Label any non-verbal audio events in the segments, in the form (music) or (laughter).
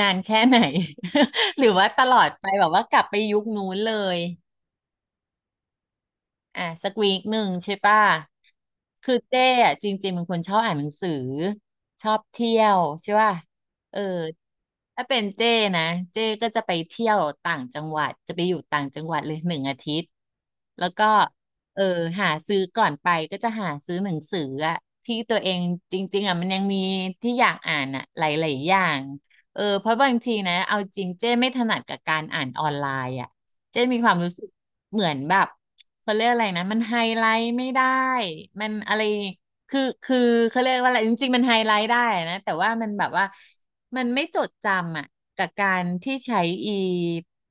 นานแค่ไหน (laughs) หรือว่าตลอดไปแบบว่ากลับไปยุคนู้นเลย อ่ะสักวีคหนึ่งใช่ป่ะคือเจ้อะจริงๆเป็นคนชอบอ่านหนังสือชอบเที่ยวใช่ป่ะเออถ้าเป็นเจ้นะเจ้ก็จะไปเที่ยวต่างจังหวัดจะไปอยู่ต่างจังหวัดเลยหนึ่งอาทิตย์แล้วก็เออหาซื้อก่อนไปก็จะหาซื้อหนังสืออะที่ตัวเองจริงๆอะมันยังมีที่อยากอ่านอะหลายๆอย่างเออเพราะบางทีนะเอาจริงเจ้ไม่ถนัดกับการอ่านออนไลน์อะเจ๊มีความรู้สึกเหมือนแบบ เขาเรียกอะไรนะมันไฮไลท์ไม่ได้มันอะไรคือเขาเรียกว่าอะไรจริงๆมันไฮไลท์ได้นะแต่ว่ามันแบบว่ามันไม่จดจำอ่ะกับการที่ใช้อี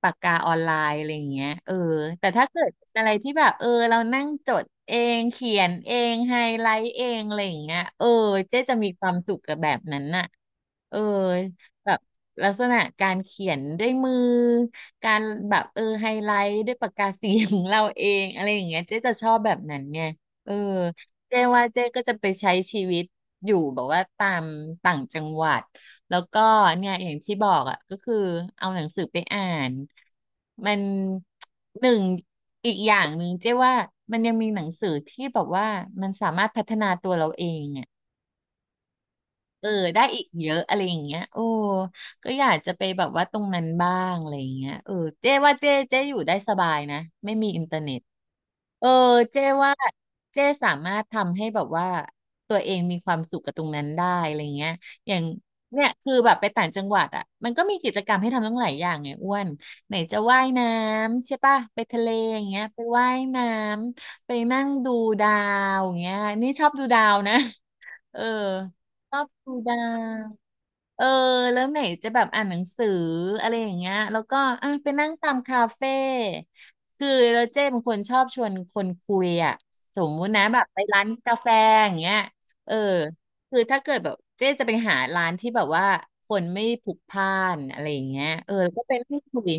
ปากกาออนไลน์อะไรอย่างเงี้ยเออแต่ถ้าเกิดอะไรที่แบบเออเรานั่งจดเองเขียนเองไฮไลท์เองอะไรอย่างเงี้ยเออเจ๊จะมีความสุขกับแบบนั้นน่ะเออแบบ ลักษณะการเขียนด้วยมือการแบบเออไฮไลท์ด้วยปากกาสีของเราเองอะไรอย่างเงี้ยเจ๊จะชอบแบบนั้นไงเออเจ๊ว่าเจ๊ก็จะไปใช้ชีวิตอยู่แบบว่าตามต่างจังหวัดแล้วก็เนี่ยอย่างที่บอกอ่ะก็คือเอาหนังสือไปอ่านมันหนึ่งอีกอย่างหนึ่งเจ๊ว่ามันยังมีหนังสือที่แบบว่ามันสามารถพัฒนาตัวเราเองอ่ะ เออได้อีกเยอะอะไรอย่างเงี้ยโอ้ก็อยากจะไปแบบว่าตรงนั้นบ้างอะไรอย่างเงี้ยเออเจ๊ว่าเจ๊อยู่ได้สบายนะไม่มีอินเทอร์เน็ตเออเจ๊ว่าเจ๊สามารถทำให้แบบว่าตัวเองมีความสุขกับตรงนั้นได้อะไรเงี้ยอย่างเนี่ยคือแบบไปต่างจังหวัดอ่ะมันก็มีกิจกรรมให้ทำตั้งหลายอย่างไงอ้วนไหนจะว่ายน้ำใช่ป่ะไปทะเลอย่างเงี้ยไปว่ายน้ำไปนั่งดูดาวอย่างเงี้ยนี่ชอบดูดาวนะ เออชอบดูดาวเออแล้วไหนจะแบบอ่านหนังสืออะไรอย่างเงี้ยแล้วก็อ่ะไปนั่งตามคาเฟ่คือแล้วเจ้เป็นคนชอบชวนคนคุยอ่ะสมมุตินะแบบไปร้านกาแฟอย่างเงี้ยเออคือถ้าเกิดแบบเจ๊จะไปหาร้านที่แบบว่าคนไม่พลุกพล่านอะไรอย่างเงี้ยเออแล้วก็ไปนั่งคุย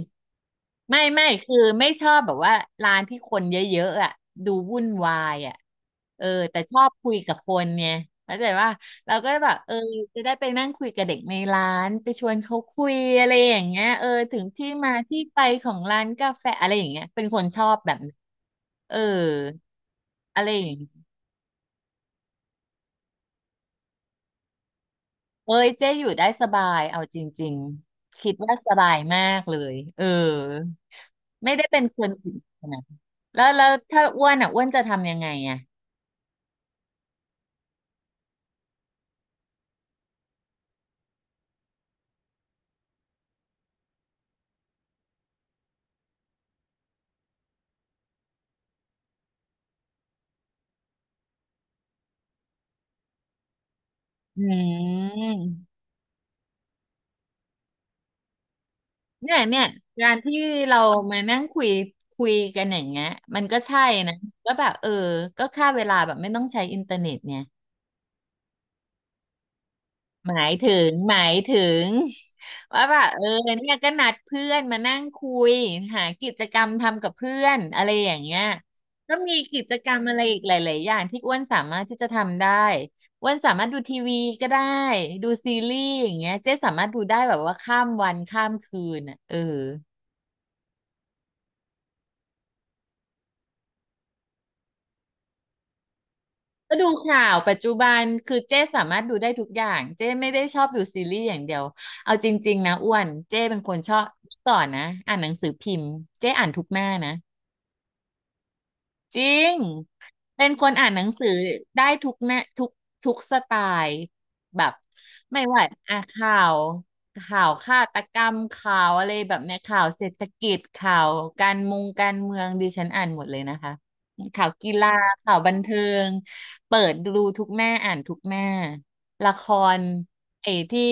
ไม่คือไม่ชอบแบบว่าร้านที่คนเยอะๆอ่ะดูวุ่นวายอ่ะเออแต่ชอบคุยกับคนไงเข้าใจว่าเราก็แบบเออจะได้ไปนั่งคุยกับเด็กในร้านไปชวนเขาคุยอะไรอย่างเงี้ยเออถึงที่มาที่ไปของร้านกาแฟอะไรอย่างเงี้ยเป็นคนชอบแบบนั้นเอออะไรอย่างเงี้ย เอ้ยเจ๊อยู่ได้สบายเอาจริงๆคิดว่าสบายมากเลยเออไม่ได้เป็นคนผิดนะแล้วถ้าอ้วนอ่ะอ้วนจะทำยังไงอ่ะอืมเนี่ยการที่เรามานั่งคุยคุยกันอย่างเงี้ยมันก็ใช่นะก็แบบเออก็ฆ่าเวลาแบบไม่ต้องใช้อินเทอร์เน็ตไง หมายถึงว่าแบบเออเนี่ยก็นัดเพื่อนมานั่งคุยหากิจกรรมทำกับเพื่อนอะไรอย่างเงี้ยก็มีกิจกรรมอะไรอีกหลายๆอย่างที่อ้วนสามารถที่จะทำได้อ้วนสามารถดูทีวีก็ได้ดูซีรีส์อย่างเงี้ยเจ๊สามารถดูได้แบบว่าข้ามวันข้ามคืนอ่ะเออ ก็ดูข่าวปัจจุบันคือเจ้สามารถดูได้ทุกอย่างเจ้ไม่ได้ชอบดูซีรีส์อย่างเดียวเอาจริงๆนะอ้วนเจ้เป็นคนชอบก่อนนะอ่านหนังสือพิมพ์เจ้อ่านทุกหน้านะ จริง เป็นคนอ่านหนังสือได้ทุกแนทุกทุกสไตล์แบบไม่ว่าอ่ะข่าวฆาตกรรมข่าวอะไรแบบเนี้ยข่าวเศรษฐกิจข่าวการมงการเมืองดิฉันอ่านหมดเลยนะคะข่าวกีฬาข่าวบันเทิงเปิดดูทุกหน้าอ่านทุกหน้าละครไอ้ที่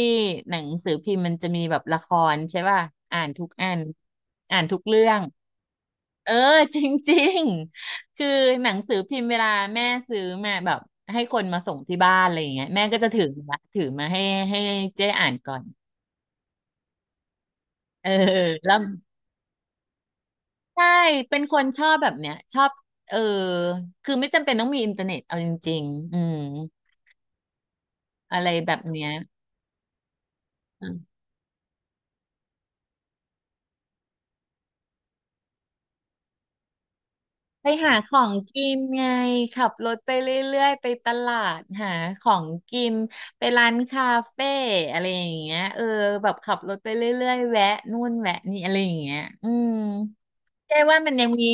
หนังสือพิมพ์มันจะมีแบบละครใช่ป่ะอ่านทุกอันอ่านทุกเรื่อง เออ (laughs) จริงๆคือหนังสือพิมพ์เวลาแม่ซื้อมาแบบให้คนมาส่งที่บ้านอะไรอย่างเงี้ยแม่ก็จะถือมาให้ให้เจ๊อ่านก่อนเออแล้วใช่เป็นคนชอบแบบเนี้ยชอบเออคือไม่จำเป็นต้องมีอินเทอร์เน็ตเอาจริงๆอืมอะไรแบบเนี้ย ไปหาของกินไงขับรถไปเรื่อยๆไปตลาดหาของกินไปร้านคาเฟ่อะไรอย่างเงี้ยแบบขับรถไปเรื่อยๆแวะนู่นแวะนี่อะไรอย่างเงี้ยใช่ว่ามันยังมี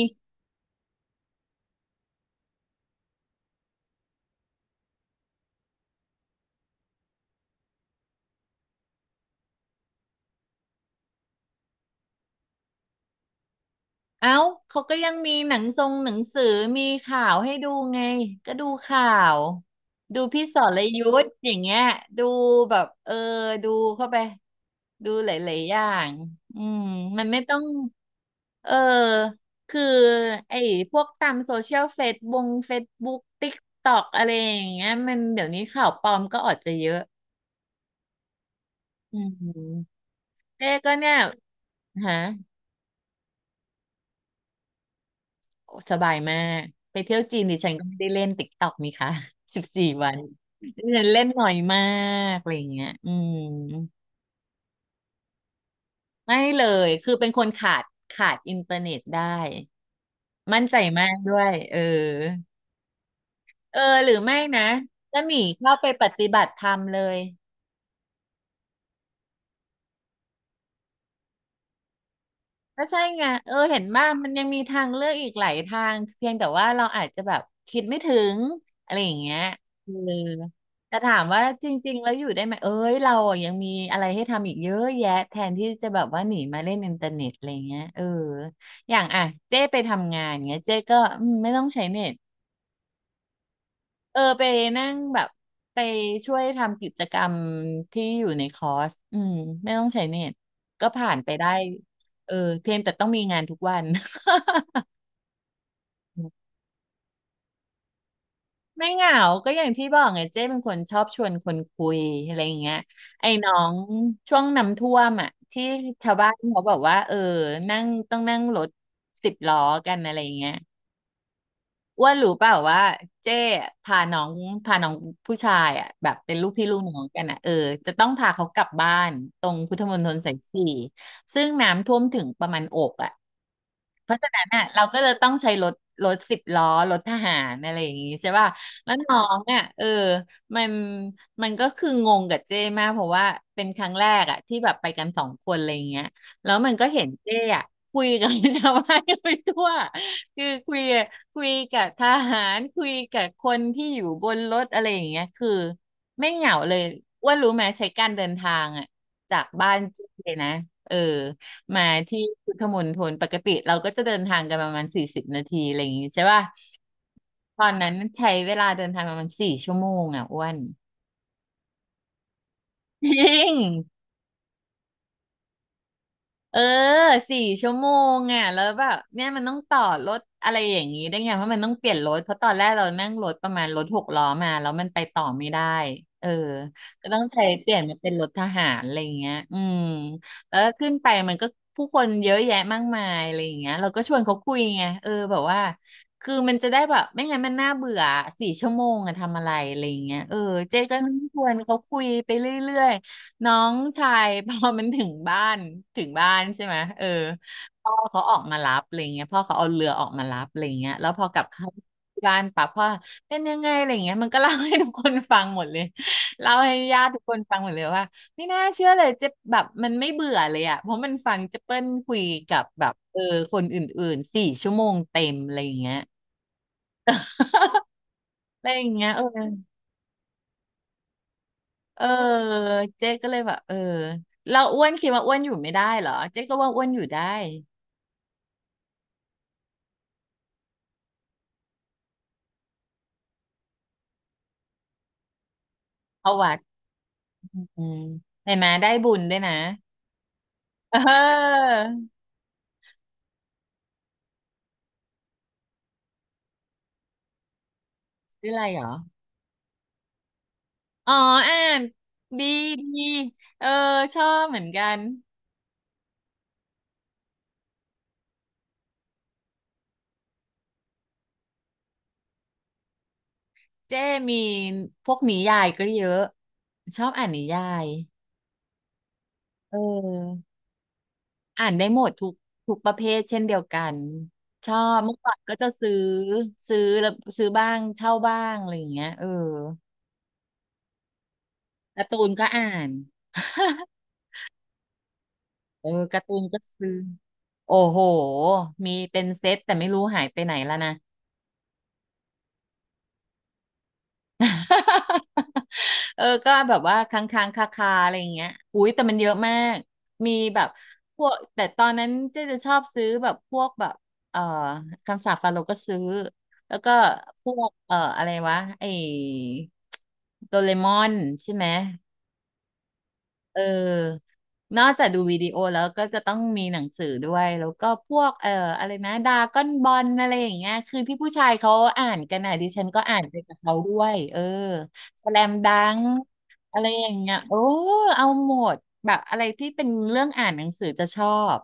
เอ้า เขาก็ยังมีหนังทรงหนังสือมีข่าวให้ดูไงก็ดูข่าวดูพี่สรยุทธอย่างเงี้ยดูแบบดูเข้าไปดูหลายๆอย่างอืมมันไม่ต้องเออคือไอ้พวกตามโซเชียลเฟซบงเฟซบุ๊กติ๊กต็อกอะไรอย่างเงี้ยมันเดี๋ยวนี้ข่าวปลอมก็ออกจะเยอะอืมเจ๊ก็เนี่ยฮะ โอ้สบายมากไปเที่ยวจีนดิฉันก็ไม่ได้เล่นติ๊กต็อกนี่ค่ะ (laughs) 14 วันดิฉันเล่นหน่อยมากอะไรอย่างเงี้ยอืมไม่เลยคือเป็นคนขาดอินเทอร์เน็ตได้มั่นใจมากด้วยเออหรือไม่นะก็หนีเข้าไปปฏิบัติธรรมเลย ก็ใช่ไงเห็นบ้างมันยังมีทางเลือกอีกหลายทางเพียงแต่ว่าเราอาจจะแบบคิดไม่ถึงอะไรอย่างเงี้ยเออแต่ถามว่าจริงๆแล้วอยู่ได้ไหมเอ้ยเราอะยังมีอะไรให้ทำอีกเยอะแยะแทนที่จะแบบว่าหนีมาเล่นอินเทอร์เน็ตอะไรเงี้ยอย่างอ่ะเจ้ไปทำงานเงี้ยเจ้ก็อืมไม่ต้องใช้เน็ตไปนั่งแบบไปช่วยทำกิจกรรมที่อยู่ในคอร์สอืมไม่ต้องใช้เน็ตก็ผ่านไปได้เออเพียงแต่ต้องมีงานทุกวัน (laughs) ไม่เหงาก็อย่างที่บอกไงเจ้เป็นคนชอบชวนคนคุยอะไรอย่างเงี้ยไอ้น้องช่วงน้ำท่วมอ่ะที่ชาวบ้านเขาบอกว่าต้องนั่งรถสิบล้อกันอะไรอย่างเงี้ยอ้วนรู้เปล่าว่าเจ้พาน้องพาน้องผู้ชายอ่ะแบบเป็นลูกพี่ลูกน้องกันอ่ะจะต้องพาเขากลับบ้านตรงพุทธมณฑลสายสี่ซึ่งน้ำท่วมถึงประมาณอกอ่ะ เพราะฉะนั้นน่ะเราก็จะต้องใช้รถสิบล้อรถทหารอะไรอย่างงี้ใช่ป่ะแล้วน้องอ่ะมันมันก็คืองงกับเจ้มากเพราะว่าเป็นครั้งแรกอ่ะที่แบบไปกันสองคนอะไรอย่างเงี้ยแล้วมันก็เห็นเจ้อ่ะคุยกับ (laughs) ชาวบ้านไปทั่วคือคุยกับทหารคุยกับคนที่อยู่บนรถอะไรอย่างเงี้ยคือไม่เหงาเลยอ้ว่ารู้ไหมใช้การเดินทางอ่ะจากบ้านเจ้นะเออ มาที่พุทธมณฑลปกติเราก็จะเดินทางกันประมาณ40 นาทีอะไรอย่างงี้ใช่ป่ะตอนนั้นใช้เวลาเดินทางประมาณสี่ชั่วโมงอ่ะอ้วน (laughs) จริง เออ4 ชั่วโมงอ่ะแล้วแบบเนี่ยมันต้องต่อรถอะไรอย่างนี้ได้ไงเพราะมันต้องเปลี่ยนรถเพราะตอนแรกเรานั่งรถประมาณรถหกล้อมาแล้วมันไปต่อไม่ได้เออก็ต้องใช้เปลี่ยนมาเป็นรถทหารอะไรอย่างเงี้ยอืมแล้วขึ้นไปมันก็ผู้คนเยอะแยะมากมายอะไรอย่างเงี้ยเราก็ชวนเขาคุยไงแบบว่าคือมันจะได้แบบไม่งั้นมันน่าเบื่อสี่ชั่วโมงอะทำอะไรอะไรอย่างเงี้ยเจ๊ก็นั่งชวนเขาคุยไปเรื่อย น้องชาย (laughs) พอมันถึงบ้านถึงบ้านใช่ไหมพ่อเขาออกมารับอะไรเงี้ยพ่อเขาเอาเรือออกมารับอะไรเงี้ยแล้วพอกลับเข้าบ้านปั๊บพ่อเป็นยังไงอะไรเงี้ยมันก็เล่าให้ทุกคนฟังหมดเลยเล่าให้ญาติทุกคนฟังหมดเลยว่าไม่น่าเชื่อเลยเจะแบบมันไม่เบื่อเลยอ่ะเพราะมันฟังเจเปิ้ลคุยกับแบบคนอื่นๆสี่ชั่วโมงเต็มอะไรเงี้ยอะไรอย่างเงี้ยเออเออเจ๊ก็เลยแบบเราอ้วนคิดว่าอ้วนอยู่ไม่ได้เหรอเจ๊ก็ว่าอ้วนอยู่ได้ เข้าวัดอืมเห็นไหมได้บุญด้วยนะเออชื่ออะไรเหรออ๋ออ่านดีดีเออชอบเหมือนกันเจ้มีพวกนิยายก็เยอะชอบอ่านนิยายเอออ่านได้หมดทุกประเภทเช่นเดียวกันชอบเมื่อก่อนก็จะซื้อแล้วซื้อบ้างเช่าบ้างอะไรอย่างเงี้ยการ์ตูนก็อ่าน (laughs) เออการ์ตูนก็ซื้อโอ้โหมีเป็นเซตแต่ไม่รู้หายไปไหนแล้วนะ (laughs) ก็แบบว่าค้างคาๆอะไรอย่างเงี้ยอุ้ยแต่มันเยอะมากมีแบบพวกแต่ตอนนั้นเจ๊จะชอบซื้อแบบพวกแบบเอ่อคำสาปฟาโรห์ก็ซื้อแล้วก็พวกอะไรวะไอ้โดเรมอนใช่ไหม เออ นอกจากดูวิดีโอแล้วก็จะต้องมีหนังสือด้วยแล้วก็พวกอะไรนะดราก้อนบอลอะไรอย่างเงี้ยคือที่ผู้ชายเขาอ่านกันนะดิฉันก็อ่านไปกับเขาด้วยสแลมดังอะไรอย่างเงี้ยโอ้เอาหมดแบบอะไรที่เป็นเรื่องอ่านหนังสือจะชอบ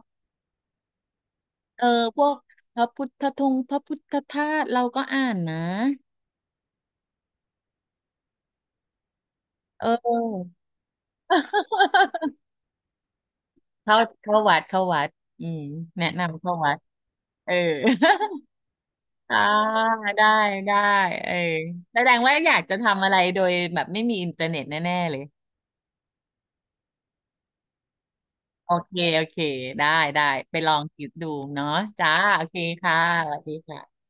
เออพวกพระพุทธธงพระพุทธธาตุเราก็อ่านนะเออ (laughs) เข้าเข้าวัดเข้าวัดอืมแนะนำเข้าวัดเออ อ่าได้ได้เออแสดงว่าอยากจะทำอะไรโดยแบบไม่มีอินเทอร์เน็ตแน่ๆเลยโอเคโอเคได้ได้ไปลองคิดดูเนาะจ้าโอเคค่ะสวัสดีค่ะ